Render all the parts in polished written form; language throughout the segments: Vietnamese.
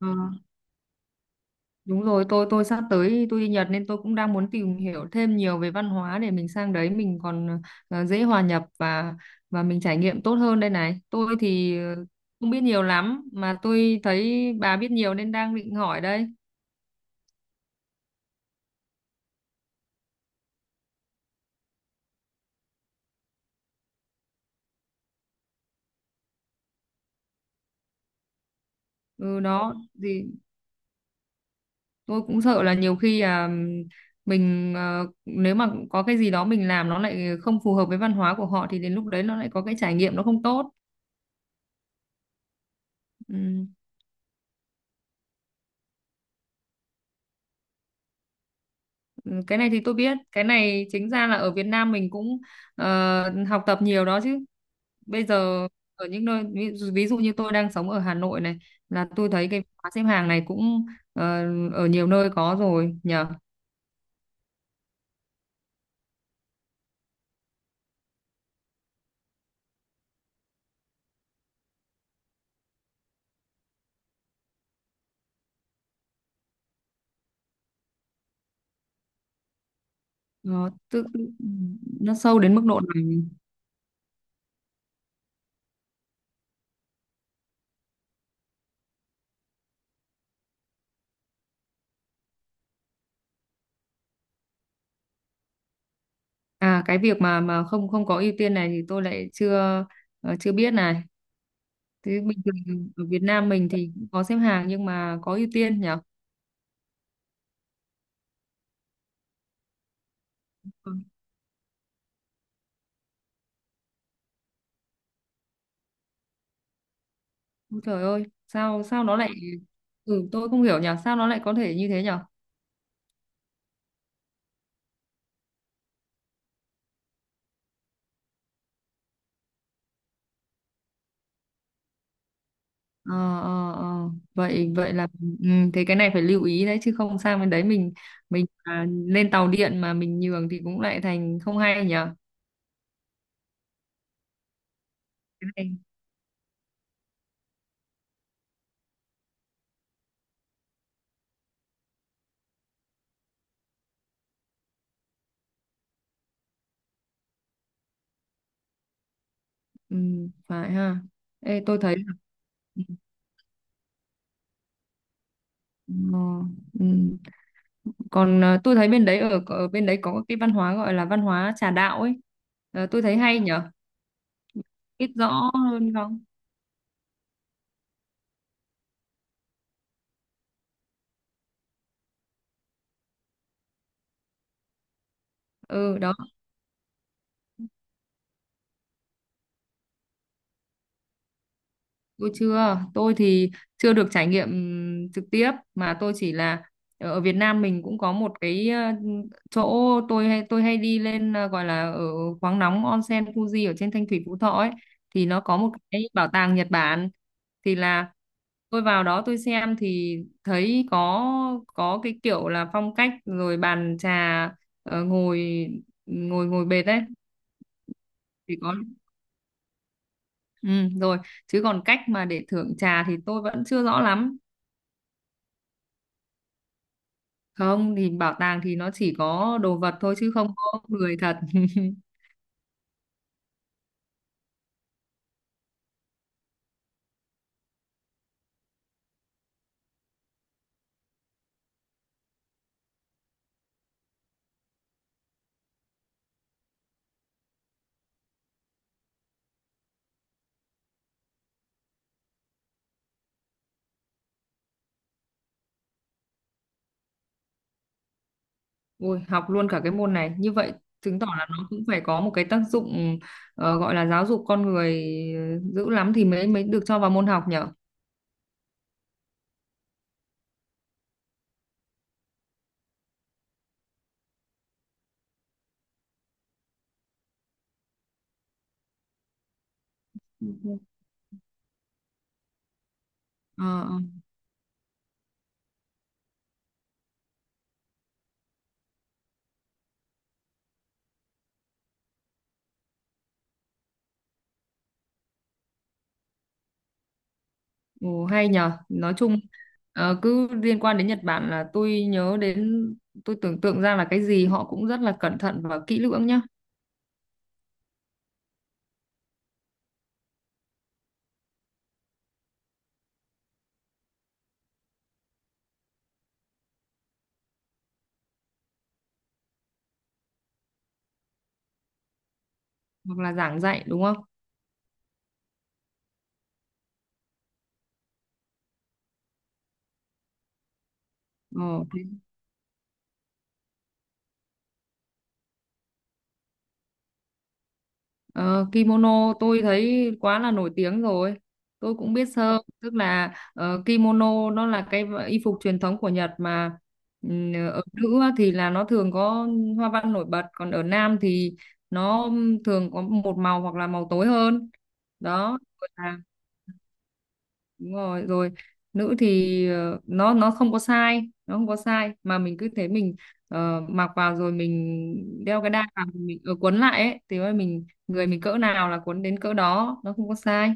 Ờ, đúng rồi tôi sắp tới tôi đi Nhật nên tôi cũng đang muốn tìm hiểu thêm nhiều về văn hóa để mình sang đấy mình còn dễ hòa nhập và mình trải nghiệm tốt hơn đây này tôi thì không biết nhiều lắm mà tôi thấy bà biết nhiều nên đang định hỏi đây. Ừ đó, thì tôi cũng sợ là nhiều khi là mình, nếu mà có cái gì đó mình làm nó lại không phù hợp với văn hóa của họ thì đến lúc đấy nó lại có cái trải nghiệm nó không tốt. Ừ. Cái này thì tôi biết, cái này chính ra là ở Việt Nam mình cũng học tập nhiều đó chứ. Bây giờ ở những nơi ví dụ như tôi đang sống ở Hà Nội này, là tôi thấy cái khóa xếp hàng này cũng ờ, ở nhiều nơi có rồi nhờ. Nó tức nó sâu đến mức độ này. À, cái việc mà không không có ưu tiên này thì tôi lại chưa, chưa biết này. Thế bình thường ở Việt Nam mình thì cũng có xếp hàng nhưng mà có ưu tiên nhỉ? Ôi Trời ơi, sao sao nó lại ừ tôi không hiểu nhỉ, sao nó lại có thể như thế nhỉ? Ờ ờ ờ vậy vậy là ừ, thế cái này phải lưu ý đấy chứ không sang bên đấy mình, lên tàu điện mà mình nhường thì cũng lại thành không hay nhỉ. Cái này ừ, phải ha. Ê tôi thấy là- ừ, ờ, ừ. Còn tôi thấy bên đấy ở ở bên đấy có cái văn hóa gọi là văn hóa trà đạo ấy. Ờ, tôi thấy hay nhỉ, biết rõ hơn không? Ừ đó. Tôi chưa, tôi thì chưa được trải nghiệm trực tiếp mà tôi chỉ là ở Việt Nam mình cũng có một cái chỗ tôi hay đi lên, gọi là ở khoáng nóng onsen Fuji ở trên Thanh Thủy Phú Thọ ấy, thì nó có một cái bảo tàng Nhật Bản, thì là tôi vào đó tôi xem thì thấy có cái kiểu là phong cách rồi bàn trà, ngồi ngồi ngồi bệt ấy thì có ừ, rồi chứ còn cách mà để thưởng trà thì tôi vẫn chưa rõ lắm. Không, thì bảo tàng thì nó chỉ có đồ vật thôi chứ không có người thật. Ui học luôn cả cái môn này như vậy, chứng tỏ là nó cũng phải có một cái tác dụng gọi là giáo dục con người dữ lắm thì mới mới được cho vào môn học nhở. Ừ. Ờ, ờ. Ồ, hay nhở, nói chung cứ liên quan đến Nhật Bản là tôi nhớ đến, tôi tưởng tượng ra là cái gì họ cũng rất là cẩn thận và kỹ lưỡng nhá. Hoặc là giảng dạy đúng không. Ờ, Ờ, kimono tôi thấy quá là nổi tiếng rồi. Tôi cũng biết sơ, tức là kimono nó là cái y phục truyền thống của Nhật mà ở nữ á thì là nó thường có hoa văn nổi bật, còn ở nam thì nó thường có một màu hoặc là màu tối hơn. Đó, rồi là đúng rồi rồi, nữ thì nó không có sai mà mình cứ thế mình, mặc vào rồi mình đeo cái đai vào mình, quấn lại ấy thì mà mình người mình cỡ nào là quấn đến cỡ đó nó không có sai.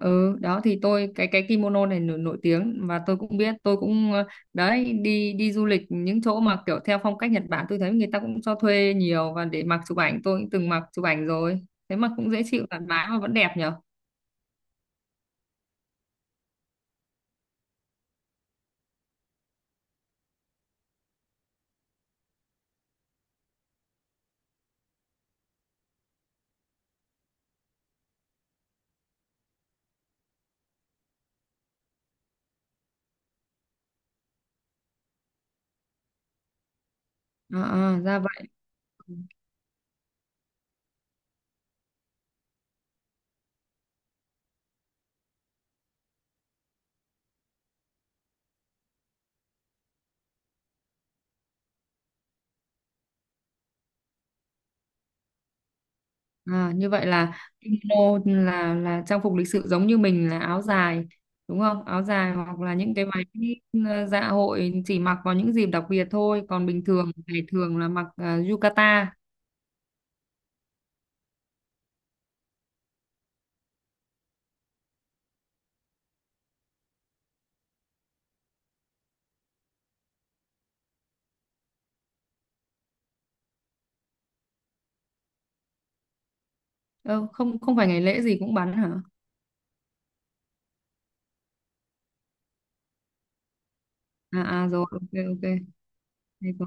Ừ đó, thì tôi cái kimono này nổi tiếng và tôi cũng biết tôi cũng đấy đi đi du lịch những chỗ mà kiểu theo phong cách Nhật Bản tôi thấy người ta cũng cho thuê nhiều và để mặc chụp ảnh tôi cũng từng mặc chụp ảnh rồi, thế mà cũng dễ chịu thoải mái mà vẫn đẹp nhở. À, à, ra vậy. À, như vậy là kimono là trang phục lịch sự giống như mình là áo dài đúng không? Áo dài hoặc là những cái váy dạ hội chỉ mặc vào những dịp đặc biệt thôi, còn bình thường ngày thường là mặc yukata. Ờ, không không phải ngày lễ gì cũng bắn hả? À à rồi, ok ok. Hay quá.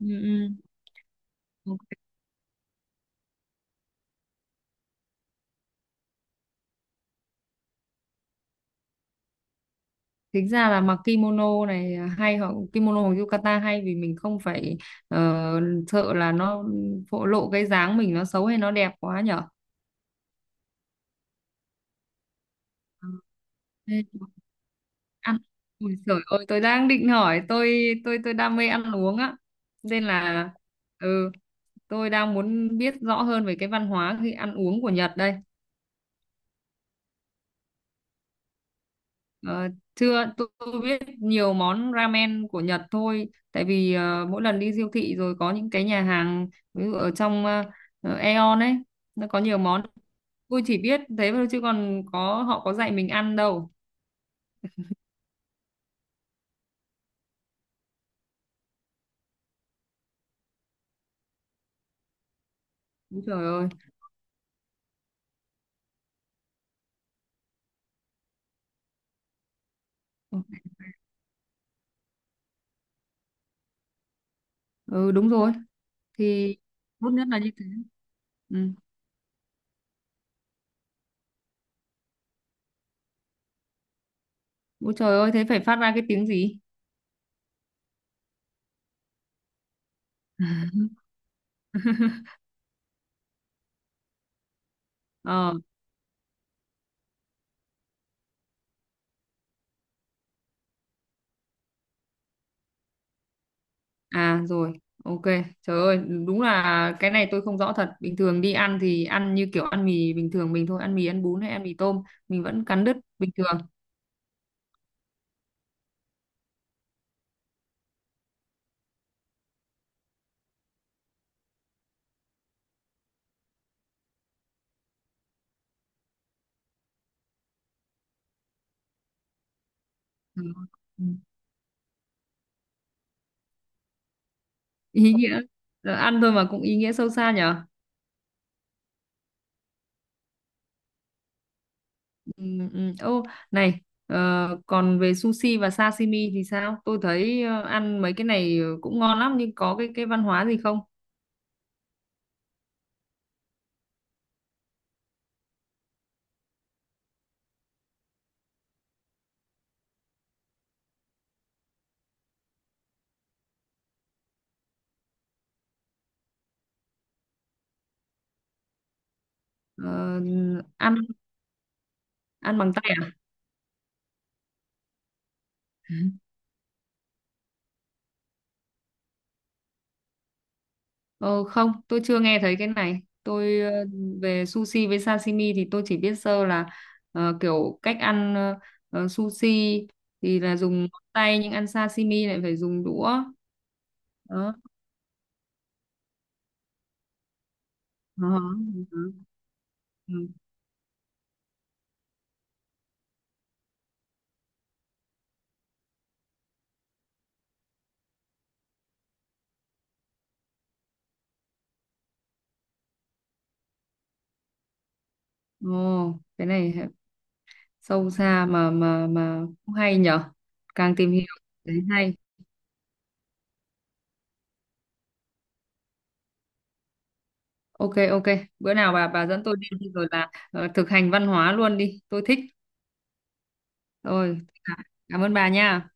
Ừ, ừ. Ok. Tính ra là mặc kimono này hay hoặc kimono hoặc yukata hay vì mình không phải ờ, sợ là nó phô lộ cái dáng mình nó xấu hay nó đẹp quá nhở. Ờ, thế ăn ui giời ơi tôi đang định hỏi tôi tôi đam mê ăn uống á nên là ừ tôi đang muốn biết rõ hơn về cái văn hóa khi ăn uống của Nhật đây. Ờ, chưa tôi, tôi biết nhiều món ramen của Nhật thôi tại vì mỗi lần đi siêu thị rồi có những cái nhà hàng ví dụ ở trong Aeon ấy, nó có nhiều món tôi chỉ biết thế thôi chứ còn có họ có dạy mình ăn đâu. Úi trời ơi. Ừ đúng rồi, thì tốt nhất là như thế. Ừ. Ôi trời ơi thế phải phát ra cái tiếng gì? Ờ à rồi ok trời ơi đúng là cái này tôi không rõ thật, bình thường đi ăn thì ăn như kiểu ăn mì bình thường mình thôi, ăn mì ăn bún hay ăn mì tôm mình vẫn cắn đứt bình thường. Ừ. Ừ. Ý nghĩa. Ờ, ăn thôi mà cũng ý nghĩa sâu xa nhở. Ừ, ừ. Ô này, ờ, còn về sushi và sashimi thì sao, tôi thấy ăn mấy cái này cũng ngon lắm nhưng có cái văn hóa gì không? Ờ, ăn ăn bằng tay à. Ờ, Không tôi chưa nghe thấy cái này tôi, về sushi với sashimi thì tôi chỉ biết sơ là kiểu cách ăn sushi thì là dùng ngón tay nhưng ăn sashimi lại phải dùng đũa đó. Ờ, ờ, ờ. Ừ. Ồ, cái này sâu xa mà cũng hay nhở, càng tìm hiểu thấy hay. Ok ok, bữa nào bà dẫn tôi đi đi rồi là thực hành văn hóa luôn đi tôi thích. Rồi, cảm ơn bà nha.